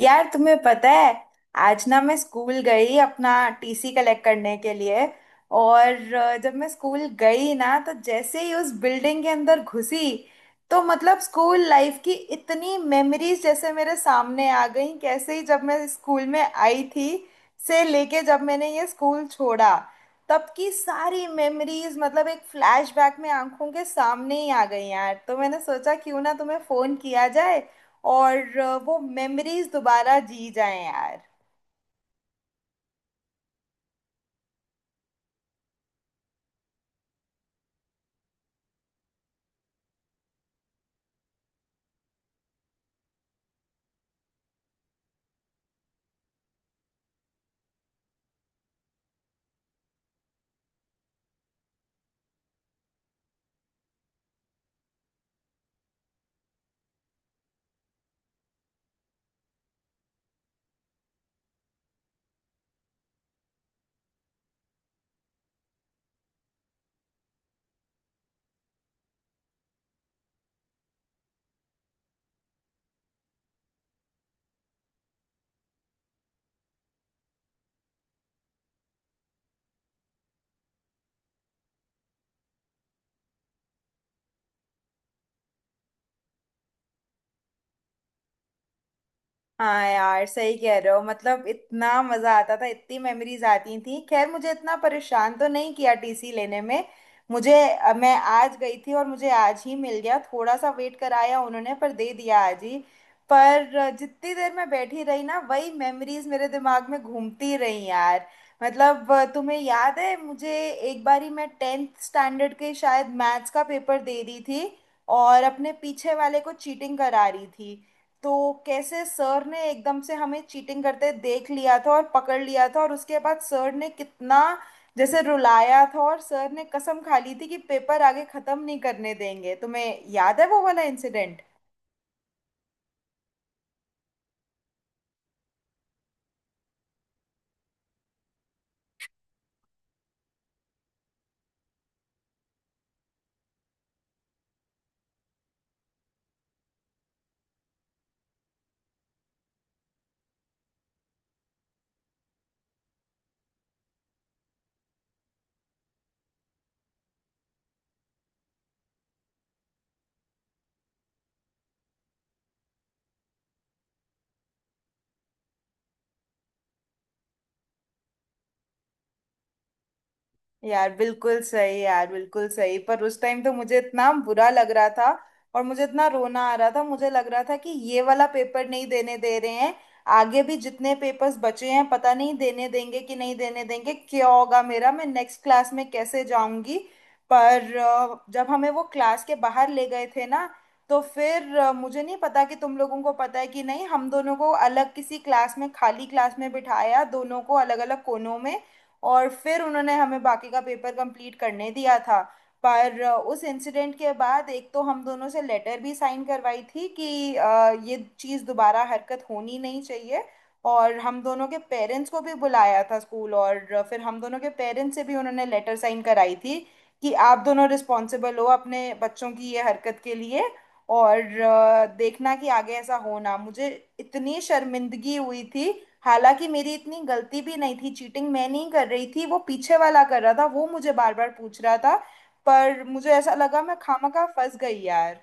यार तुम्हें पता है आज ना मैं स्कूल गई अपना टीसी कलेक्ट करने के लिए। और जब मैं स्कूल गई ना तो जैसे ही उस बिल्डिंग के अंदर घुसी तो मतलब स्कूल लाइफ की इतनी मेमोरीज जैसे मेरे सामने आ गई। कैसे ही जब मैं स्कूल में आई थी से लेके जब मैंने ये स्कूल छोड़ा तब की सारी मेमोरीज मतलब एक फ्लैशबैक में आंखों के सामने ही आ गई यार। तो मैंने सोचा क्यों ना तुम्हें फोन किया जाए और वो मेमोरीज दोबारा जी जाएँ यार। हाँ यार, सही कह रहे हो, मतलब इतना मजा आता था, इतनी मेमोरीज आती थी। खैर मुझे इतना परेशान तो नहीं किया टीसी लेने में। मैं आज गई थी और मुझे आज ही मिल गया, थोड़ा सा वेट कराया उन्होंने पर दे दिया आज ही। पर जितनी देर मैं बैठी रही ना वही मेमोरीज मेरे दिमाग में घूमती रही यार। मतलब तुम्हें याद है मुझे, एक बारी मैं टेंथ स्टैंडर्ड के शायद मैथ्स का पेपर दे रही थी और अपने पीछे वाले को चीटिंग करा रही थी। तो कैसे सर ने एकदम से हमें चीटिंग करते देख लिया था और पकड़ लिया था, और उसके बाद सर ने कितना जैसे रुलाया था, और सर ने कसम खा ली थी कि पेपर आगे खत्म नहीं करने देंगे। तुम्हें याद है वो वाला इंसिडेंट? यार बिल्कुल सही, यार बिल्कुल सही। पर उस टाइम तो मुझे इतना बुरा लग रहा था और मुझे इतना रोना आ रहा था, मुझे लग रहा था कि ये वाला पेपर नहीं देने दे रहे हैं, आगे भी जितने पेपर्स बचे हैं पता नहीं देने देंगे कि नहीं देने देंगे, क्या होगा मेरा, मैं नेक्स्ट क्लास में कैसे जाऊंगी। पर जब हमें वो क्लास के बाहर ले गए थे ना तो फिर मुझे नहीं पता कि तुम लोगों को पता है कि नहीं, हम दोनों को अलग किसी क्लास में, खाली क्लास में बिठाया, दोनों को अलग अलग कोनों में, और फिर उन्होंने हमें बाकी का पेपर कंप्लीट करने दिया था। पर उस इंसिडेंट के बाद एक तो हम दोनों से लेटर भी साइन करवाई थी कि ये चीज़ दोबारा हरकत होनी नहीं चाहिए, और हम दोनों के पेरेंट्स को भी बुलाया था स्कूल, और फिर हम दोनों के पेरेंट्स से भी उन्होंने लेटर साइन कराई थी कि आप दोनों रिस्पॉन्सिबल हो अपने बच्चों की ये हरकत के लिए, और देखना कि आगे ऐसा हो ना। मुझे इतनी शर्मिंदगी हुई थी, हालांकि मेरी इतनी गलती भी नहीं थी। चीटिंग मैं नहीं कर रही थी, वो पीछे वाला कर रहा था, वो मुझे बार बार पूछ रहा था। पर मुझे ऐसा लगा मैं खामखा फंस गई यार।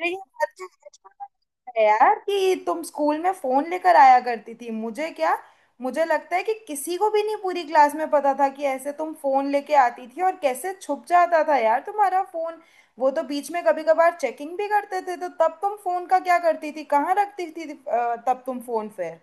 अरे ये बात तो सच है यार कि तुम स्कूल में फोन लेकर आया करती थी, मुझे क्या, मुझे लगता है कि किसी को भी नहीं पूरी क्लास में पता था कि ऐसे तुम फोन लेके आती थी और कैसे छुप जाता था यार तुम्हारा फोन। वो तो बीच में कभी कभार चेकिंग भी करते थे, तो तब तुम फोन का क्या करती थी, कहाँ रखती थी, तब तुम फोन फिर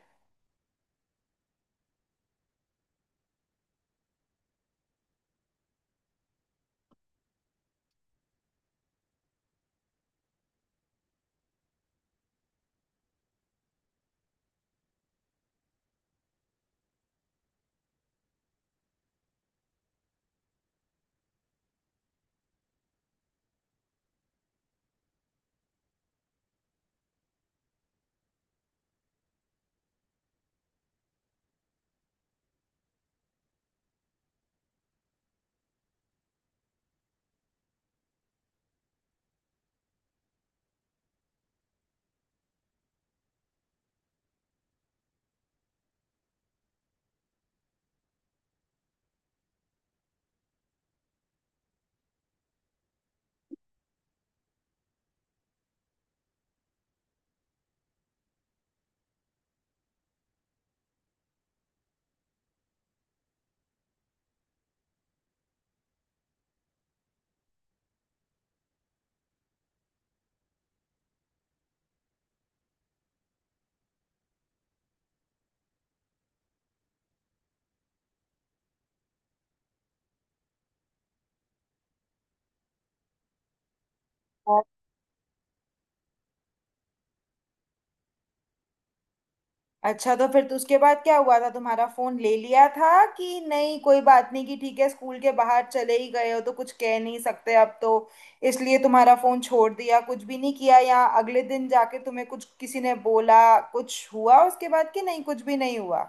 अच्छा तो फिर तो उसके बाद क्या हुआ था? तुम्हारा फोन ले लिया था कि नहीं? कोई बात नहीं कि ठीक है, स्कूल के बाहर चले ही गए हो तो कुछ कह नहीं सकते अब तो, इसलिए तुम्हारा फोन छोड़ दिया, कुछ भी नहीं किया? या अगले दिन जाके तुम्हें कुछ किसी ने बोला, कुछ हुआ उसके बाद कि नहीं, कुछ भी नहीं हुआ?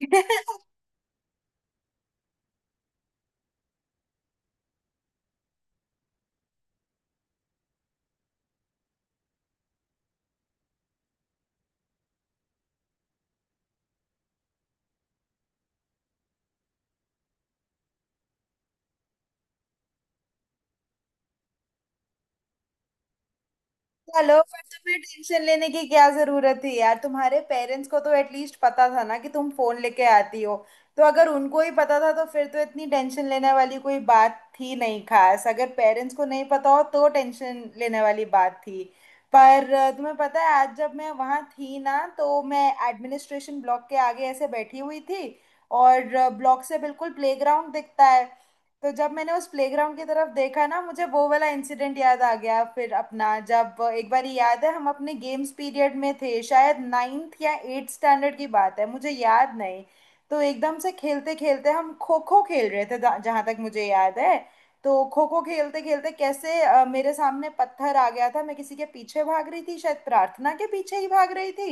चलो, पर तुम्हें टेंशन लेने की क्या जरूरत थी यार, तुम्हारे पेरेंट्स को तो एटलीस्ट पता था ना कि तुम फोन लेके आती हो, तो अगर उनको ही पता था तो फिर तो इतनी टेंशन लेने वाली कोई बात थी नहीं खास। अगर पेरेंट्स को नहीं पता हो तो टेंशन लेने वाली बात थी। पर तुम्हें पता है आज जब मैं वहाँ थी ना तो मैं एडमिनिस्ट्रेशन ब्लॉक के आगे ऐसे बैठी हुई थी, और ब्लॉक से बिल्कुल प्लेग्राउंड दिखता है। तो जब मैंने उस प्लेग्राउंड की तरफ देखा ना, मुझे वो वाला इंसिडेंट याद आ गया फिर अपना, जब एक बार याद है हम अपने गेम्स पीरियड में थे, शायद नाइन्थ या एट्थ स्टैंडर्ड की बात है, मुझे याद नहीं। तो एकदम से खेलते खेलते हम खो खो खेल रहे थे, जहाँ तक मुझे याद है। तो खो खो खेलते खेलते कैसे मेरे सामने पत्थर आ गया था, मैं किसी के पीछे भाग रही थी, शायद प्रार्थना के पीछे ही भाग रही थी,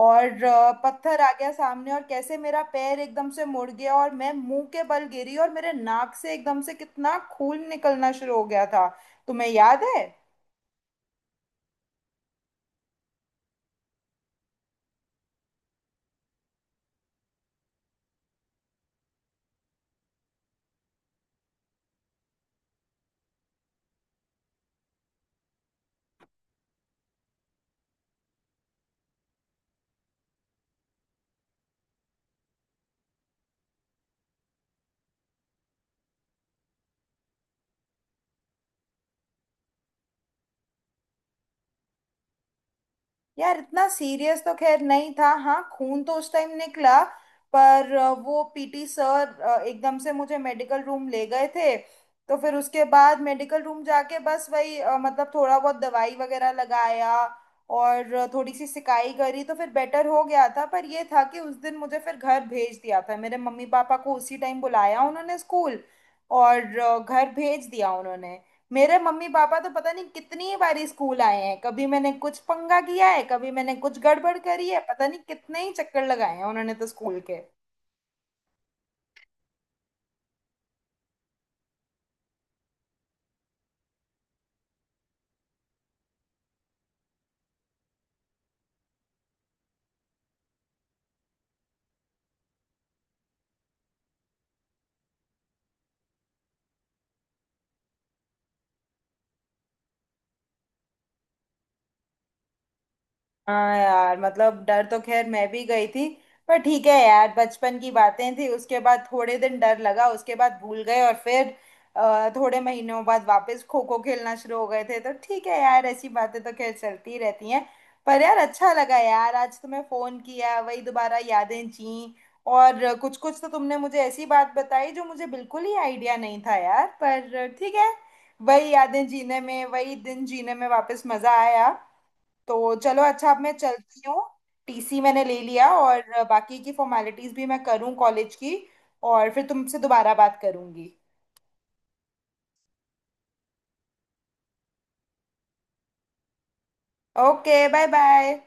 और पत्थर आ गया सामने और कैसे मेरा पैर एकदम से मुड़ गया और मैं मुंह के बल गिरी और मेरे नाक से एकदम से कितना खून निकलना शुरू हो गया था। तुम्हें याद है? यार इतना सीरियस तो खैर नहीं था, हाँ खून तो उस टाइम निकला। पर वो पीटी सर एकदम से मुझे मेडिकल रूम ले गए थे। तो फिर उसके बाद मेडिकल रूम जाके बस वही मतलब थोड़ा बहुत दवाई वगैरह लगाया और थोड़ी सी सिकाई करी तो फिर बेटर हो गया था। पर ये था कि उस दिन मुझे फिर घर भेज दिया था, मेरे मम्मी पापा को उसी टाइम बुलाया उन्होंने स्कूल, और घर भेज दिया उन्होंने। मेरे मम्मी पापा तो पता नहीं कितनी बारी स्कूल आए हैं, कभी मैंने कुछ पंगा किया है, कभी मैंने कुछ गड़बड़ करी है, पता नहीं कितने ही चक्कर लगाए हैं उन्होंने तो स्कूल के। हाँ यार, मतलब डर तो खैर मैं भी गई थी। पर ठीक है यार, बचपन की बातें थी, उसके बाद थोड़े दिन डर लगा, उसके बाद भूल गए और फिर थोड़े महीनों बाद वापस खो खो खेलना शुरू हो गए थे, तो ठीक है यार, ऐसी बातें तो खैर चलती ही रहती हैं। पर यार अच्छा लगा यार आज तुम्हें फोन किया, वही दोबारा यादें जी, और कुछ कुछ तो तुमने मुझे ऐसी बात बताई जो मुझे बिल्कुल ही आइडिया नहीं था यार, पर ठीक है, वही यादें जीने में, वही दिन जीने में वापस मजा आया। तो चलो अच्छा, अब मैं चलती हूँ, टीसी मैंने ले लिया और बाकी की फॉर्मेलिटीज भी मैं करूँ कॉलेज की, और फिर तुमसे दोबारा बात करूँगी। Okay, bye bye.